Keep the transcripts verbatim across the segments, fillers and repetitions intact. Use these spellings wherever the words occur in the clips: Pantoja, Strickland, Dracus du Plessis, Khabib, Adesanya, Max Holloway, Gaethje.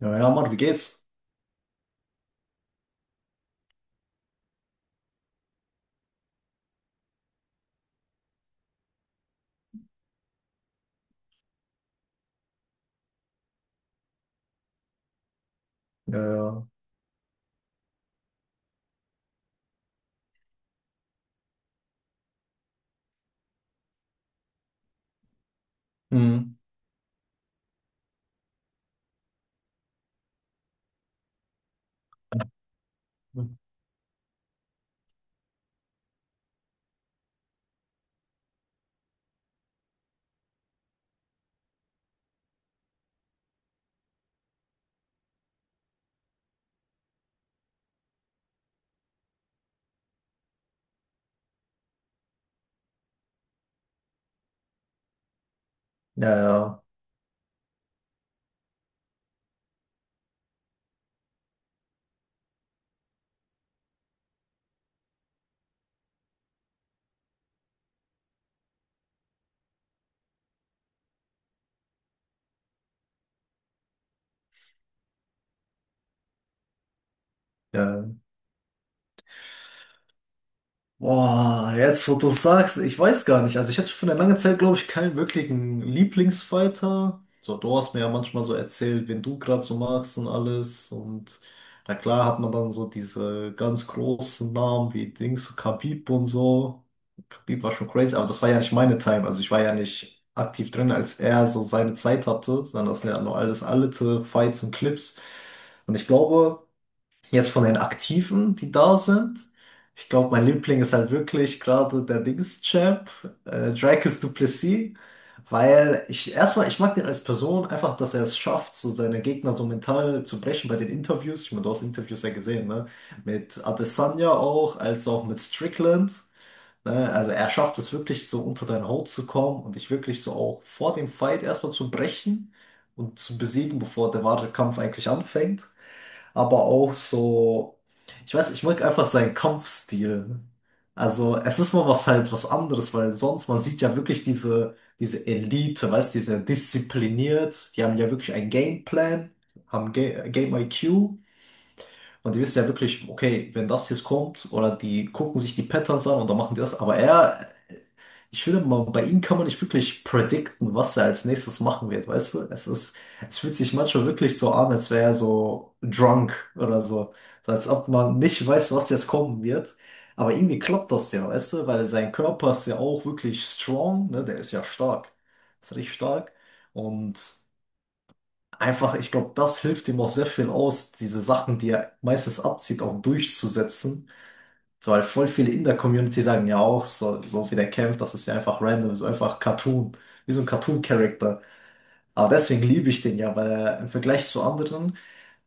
Ja, ja, Mann, wie geht's? Ja, ja. Mhm. Ja, ja. Ja, boah, jetzt wo du es sagst, ich weiß gar nicht. Also ich hatte für eine lange Zeit, glaube ich, keinen wirklichen Lieblingsfighter. So, du hast mir ja manchmal so erzählt, wen du gerade so magst und alles. Und na klar hat man dann so diese ganz großen Namen wie Dings, so Khabib und so. Khabib war schon crazy, aber das war ja nicht meine Time. Also ich war ja nicht aktiv drin, als er so seine Zeit hatte, sondern das sind ja nur alles alte Fights und Clips. Und ich glaube, jetzt von den Aktiven, die da sind, ich glaube, mein Liebling ist halt wirklich gerade der Dings-Champ, äh, Dracus du Plessis, weil ich erstmal, ich mag den als Person einfach, dass er es schafft, so seine Gegner so mental zu brechen bei den Interviews. Ich meine, du hast Interviews ja gesehen, ne? Mit Adesanya auch, als auch mit Strickland. Ne? Also er schafft es wirklich so unter deine Haut zu kommen und dich wirklich so auch vor dem Fight erstmal zu brechen und zu besiegen, bevor der wahre Kampf eigentlich anfängt, aber auch so, ich weiß, ich mag einfach seinen Kampfstil. Also es ist mal was halt, was anderes, weil sonst man sieht ja wirklich diese, diese Elite, weißt, die sind diszipliniert, die haben ja wirklich einen Gameplan, haben Ga Game I Q und die wissen ja wirklich, okay, wenn das jetzt kommt oder die gucken sich die Patterns an und dann machen die das, aber er, ich finde mal, bei ihm kann man nicht wirklich predikten, was er als nächstes machen wird, weißt du? Es ist, es fühlt sich manchmal wirklich so an, als wäre er so drunk oder so. So als ob man nicht weiß, was jetzt kommen wird. Aber irgendwie klappt das ja, weißt du? Weil sein Körper ist ja auch wirklich strong, ne? Der ist ja stark. Ist richtig stark. Und einfach, ich glaube, das hilft ihm auch sehr viel aus, diese Sachen, die er meistens abzieht, auch durchzusetzen. So, weil voll viele in der Community sagen ja auch, so, so wie der kämpft, das ist ja einfach random, so einfach Cartoon, wie so ein Cartoon-Character. Aber deswegen liebe ich den ja, weil er im Vergleich zu anderen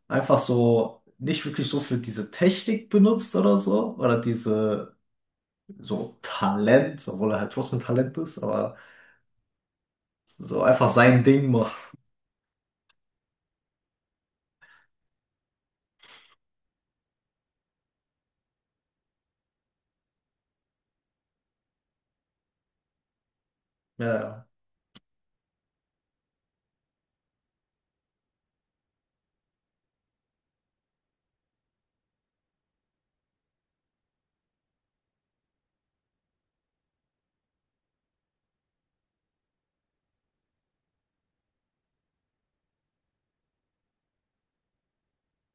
einfach so nicht wirklich so für diese Technik benutzt oder so, oder diese so Talent, obwohl er halt trotzdem Talent ist, aber so einfach sein Ding macht. Ja, ja.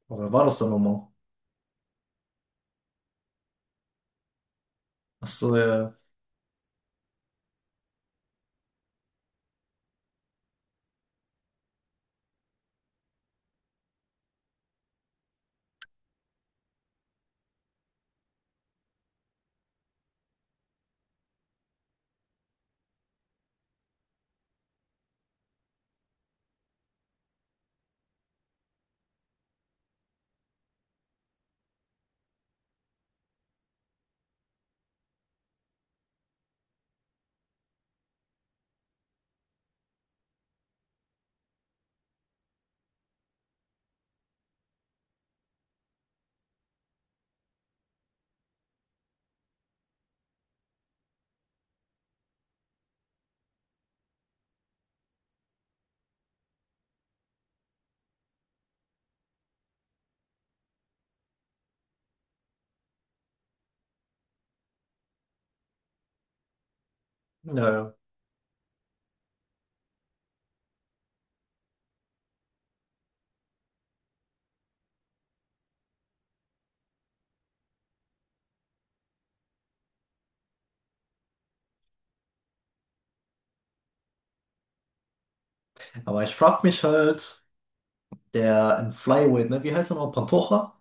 Aber wer war das denn nochmal? Ach so, ja, ja. Ja. Ja. Aber ich frag mich halt, der in Flyweight, ne, wie heißt er noch? Pantoja?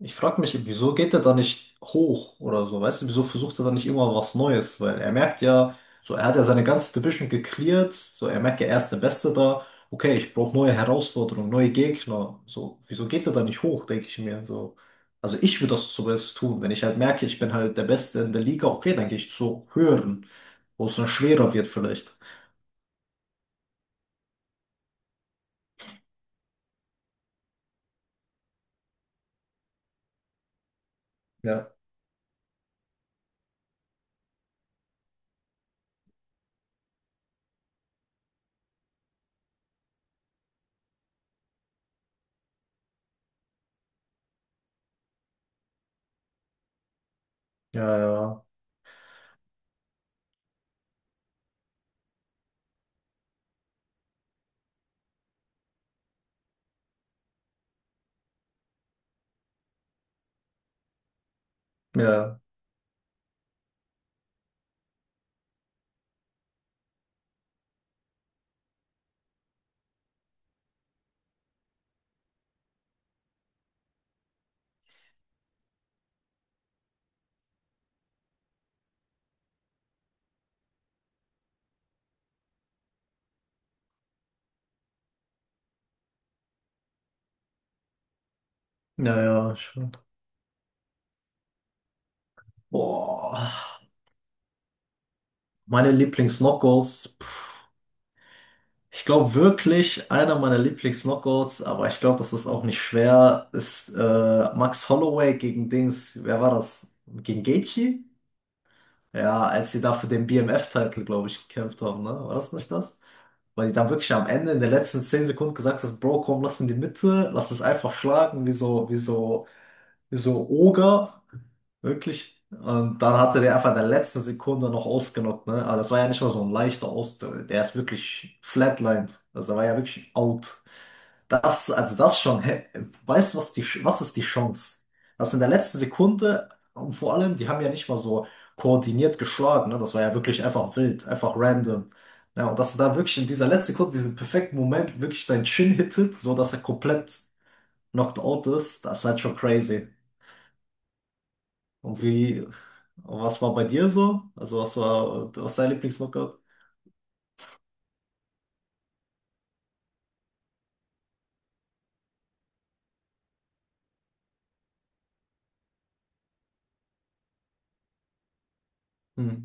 Ich frage mich, wieso geht er da nicht hoch oder so? Weißt du, wieso versucht er da nicht immer was Neues? Weil er merkt ja, so er hat ja seine ganze Division gecleart, so er merkt ja, er ist der Beste da. Okay, ich brauche neue Herausforderungen, neue Gegner. So, wieso geht er da nicht hoch, denke ich mir. So, also ich würde das zumindest tun, wenn ich halt merke, ich bin halt der Beste in der Liga. Okay, dann gehe ich zu höheren, wo es dann schwerer wird vielleicht. Ja. Ja, ja, ja, ja, ja, schon. Boah, meine Lieblings-Knockouts. Pff. Ich glaube wirklich, einer meiner Lieblings-Knockouts, aber ich glaube, das ist auch nicht schwer, ist äh, Max Holloway gegen Dings, wer war das? Gegen Gaethje? Ja, als sie da für den B M F-Title, glaube ich, gekämpft haben, ne? War das nicht das? Weil die dann wirklich am Ende in den letzten zehn Sekunden gesagt haben, Bro, komm, lass in die Mitte, lass es einfach schlagen, wie so, wie so, wie so Oger. Wirklich? Und dann hat er den einfach in der letzten Sekunde noch ausgenockt, ne? Aber das war ja nicht mal so ein leichter Aus. Der ist wirklich flatlined. Also der war ja wirklich out. Das, also das schon, hä? Weißt du, was die, was ist die Chance? Das in der letzten Sekunde, und vor allem, die haben ja nicht mal so koordiniert geschlagen, ne? Das war ja wirklich einfach wild, einfach random. Ja, und dass er dann wirklich in dieser letzten Sekunde, diesen perfekten Moment, wirklich sein Chin hittet, so dass er komplett knocked out ist, das ist halt schon crazy. Und wie, was war bei dir so? Also was war, was ist dein Lieblingslookout? Hm.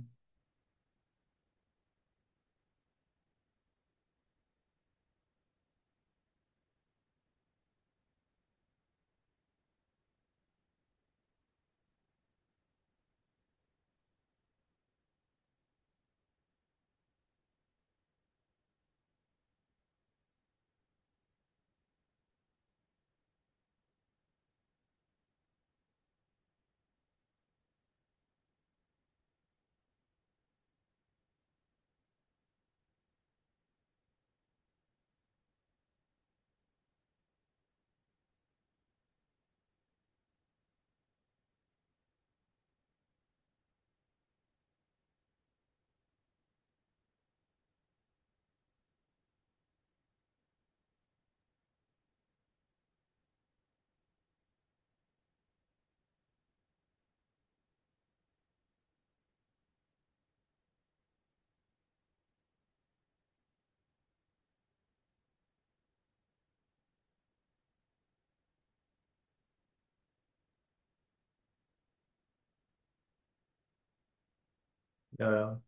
Ja, ja,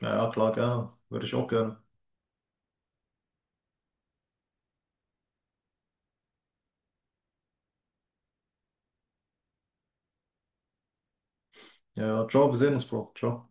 ja, ja, klar, gerne. Würde ich auch gerne. Ja, ja, ciao, wir sehen uns, Bro. Ciao.